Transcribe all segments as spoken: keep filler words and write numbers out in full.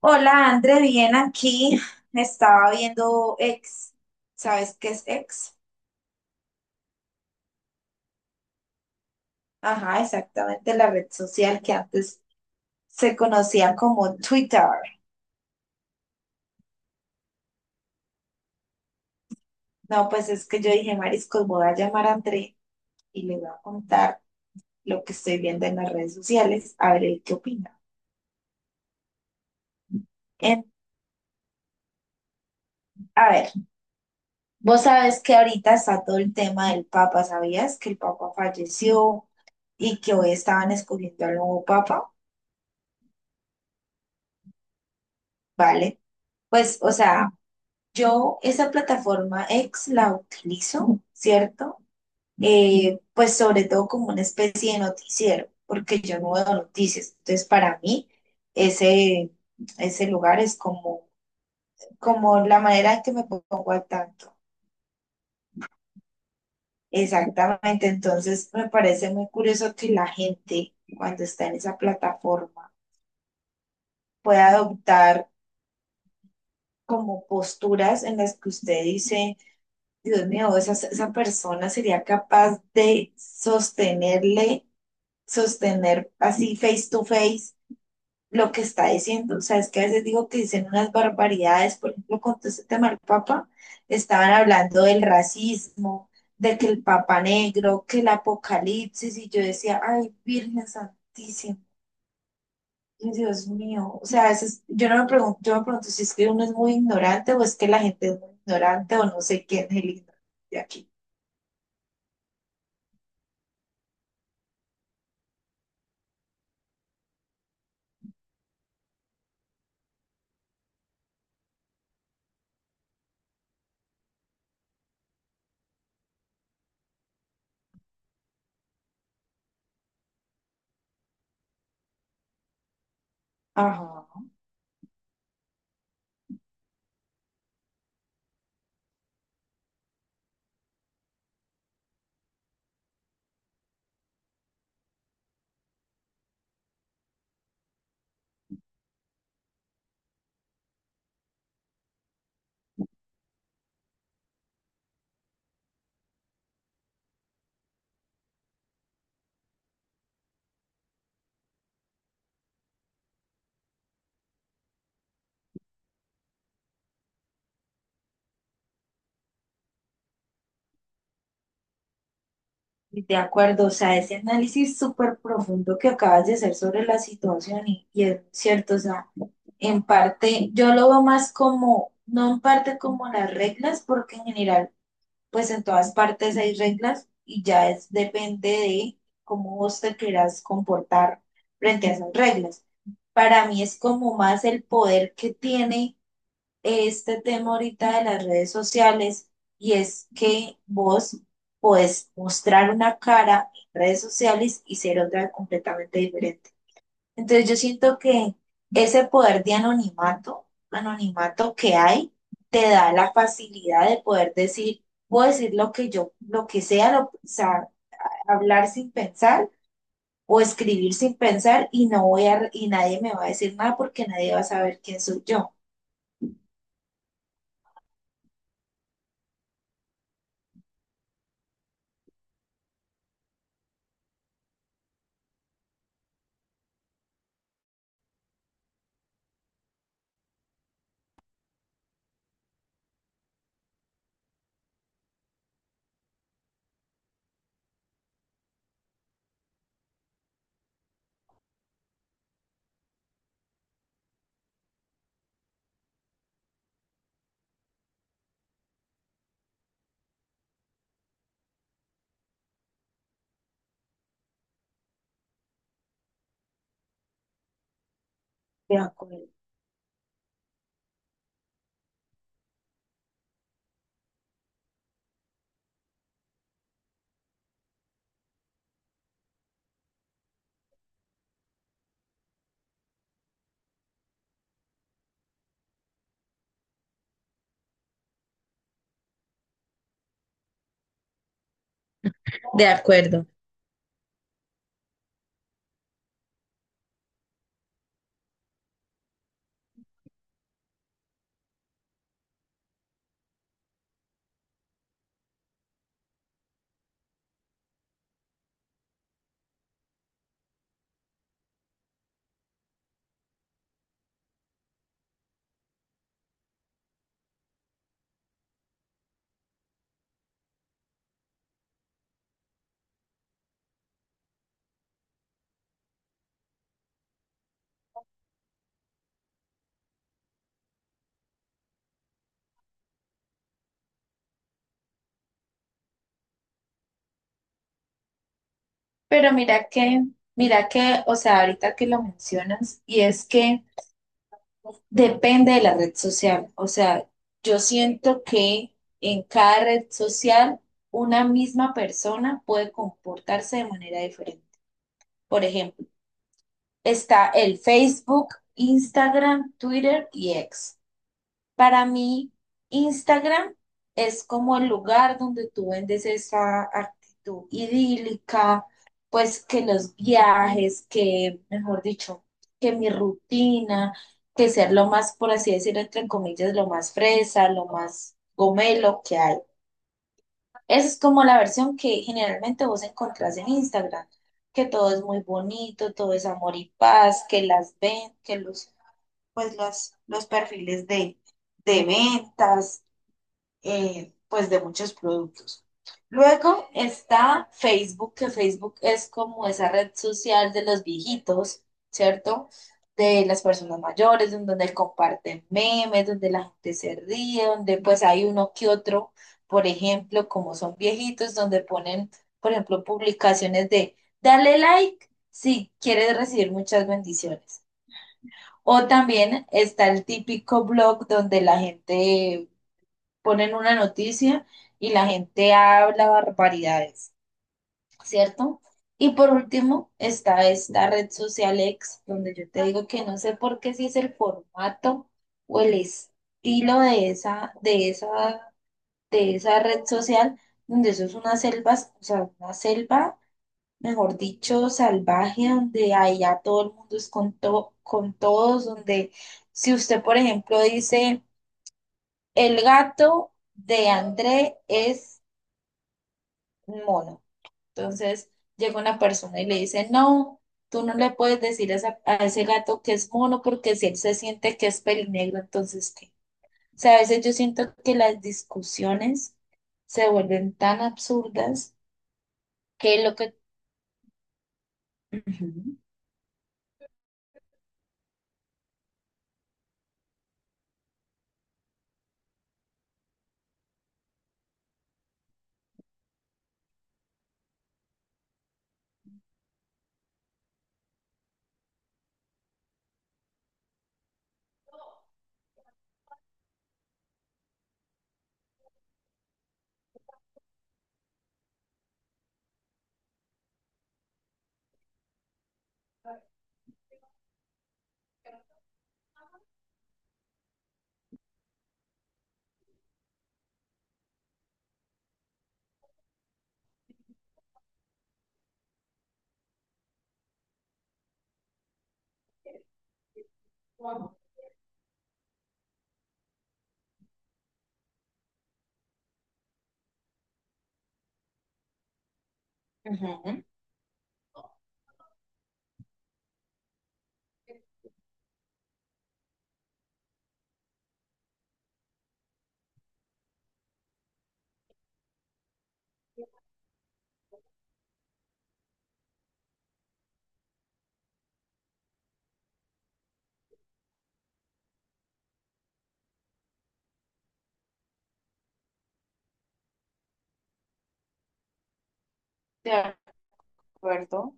Hola, André, bien aquí. Estaba viendo X. ¿Sabes qué es X? Ajá, exactamente la red social que antes se conocía como Twitter. No, pues es que yo dije, Mariscos, voy a llamar a André y le voy a contar lo que estoy viendo en las redes sociales, a ver él qué opina. En- a ver, vos sabes que ahorita está todo el tema del Papa, ¿sabías? Que el Papa falleció y que hoy estaban escogiendo al nuevo Papa, ¿vale? Pues, o sea, yo esa plataforma X la utilizo, ¿cierto? Eh, pues sobre todo como una especie de noticiero, porque yo no veo noticias. Entonces, para mí, ese, ese lugar es como, como la manera en que me pongo al tanto. Exactamente. Entonces, me parece muy curioso que la gente, cuando está en esa plataforma, pueda adoptar como posturas en las que usted dice. Dios mío, esa, esa persona sería capaz de sostenerle, sostener así face to face lo que está diciendo. O sea, es que a veces digo que dicen unas barbaridades, por ejemplo, con todo este tema del Papa, estaban hablando del racismo, de que el Papa negro, que el apocalipsis, y yo decía, ay, Virgen Santísima. Y Dios mío, o sea, a veces yo no me pregunto, yo me pregunto si es que uno es muy ignorante o es que la gente es muy ignorante o no sé quién es el ignorante de aquí. Ajá. De acuerdo, o sea, ese análisis súper profundo que acabas de hacer sobre la situación y, y es cierto, o sea, en parte yo lo veo más como, no en parte como las reglas, porque en general, pues en todas partes hay reglas y ya es depende de cómo vos te quieras comportar frente a esas reglas. Para mí es como más el poder que tiene este tema ahorita de las redes sociales y es que vos podés mostrar una cara en redes sociales y ser otra completamente diferente. Entonces yo siento que ese poder de anonimato, anonimato que hay, te da la facilidad de poder decir, puedo decir lo que yo, lo que sea, lo- o sea, hablar sin pensar o escribir sin pensar y no voy a, y nadie me va a decir nada porque nadie va a saber quién soy yo. De acuerdo. De acuerdo. Pero mira que, mira que, o sea, ahorita que lo mencionas, y es que depende de la red social. O sea, yo siento que en cada red social una misma persona puede comportarse de manera diferente. Por ejemplo, está el Facebook, Instagram, Twitter y X. Para mí, Instagram es como el lugar donde tú vendes esa actitud idílica, pues que los viajes, que, mejor dicho, que mi rutina, que ser lo más, por así decirlo, entre comillas, lo más fresa, lo más gomelo que hay. Esa es como la versión que generalmente vos encontrás en Instagram, que todo es muy bonito, todo es amor y paz, que las ven, que los, pues las, los perfiles de, de ventas, eh, pues de muchos productos. Luego está Facebook, que Facebook es como esa red social de los viejitos, ¿cierto? De las personas mayores, donde comparten memes, donde la gente se ríe, donde pues hay uno que otro, por ejemplo, como son viejitos, donde ponen, por ejemplo, publicaciones de dale like si quieres recibir muchas bendiciones. O también está el típico blog donde la gente ponen una noticia y la gente habla barbaridades, ¿cierto? Y por último está esta red social X, donde yo te digo que no sé por qué si es el formato o el estilo de esa, de esa, de esa red social, donde eso es una selva, o sea, una selva, mejor dicho, salvaje, donde allá todo el mundo es con, to- con todos, donde si usted, por ejemplo, dice, el gato de André es un mono. Entonces llega una persona y le dice, no, tú no le puedes decir a, esa- a ese gato que es mono porque si él se siente que es pelinegro, entonces ¿qué? O sea, a veces yo siento que las discusiones se vuelven tan absurdas que lo que... Ujú, ujú, de acuerdo.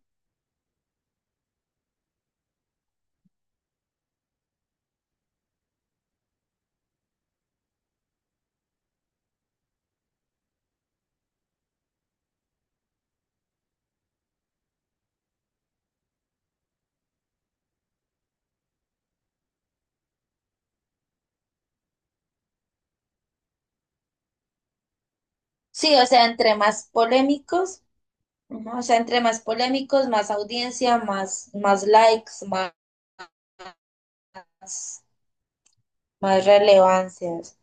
Sí, o sea, entre más polémicos, ujú, o sea, entre más polémicos, más audiencia, más, más likes, más, más relevancias.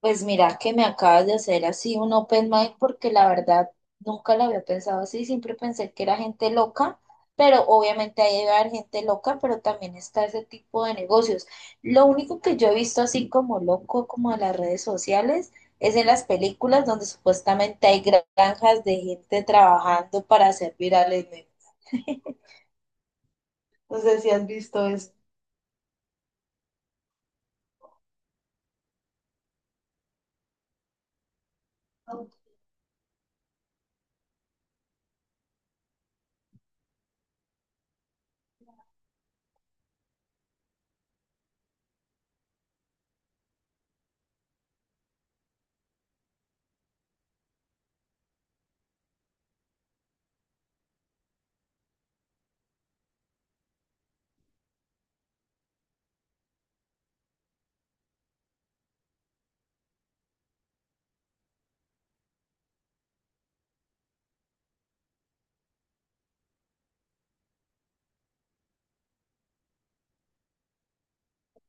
Pues mira que me acabas de hacer así un open mic porque la verdad nunca lo había pensado así, siempre pensé que era gente loca, pero obviamente ahí debe haber gente loca, pero también está ese tipo de negocios. Lo único que yo he visto así como loco, como en las redes sociales, es en las películas donde supuestamente hay granjas de gente trabajando para hacer viral el meme. No sé si has visto esto.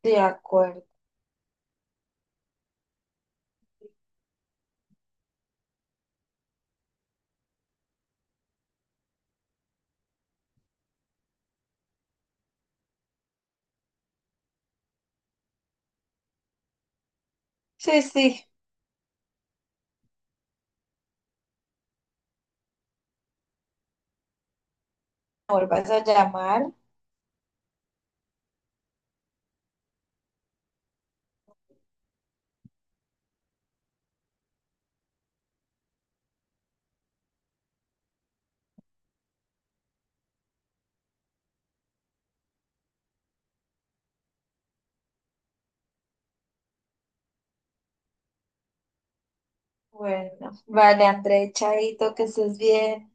De acuerdo. Sí, sí. Me vuelvas a llamar. Bueno, vale, André, chaito, que estés bien.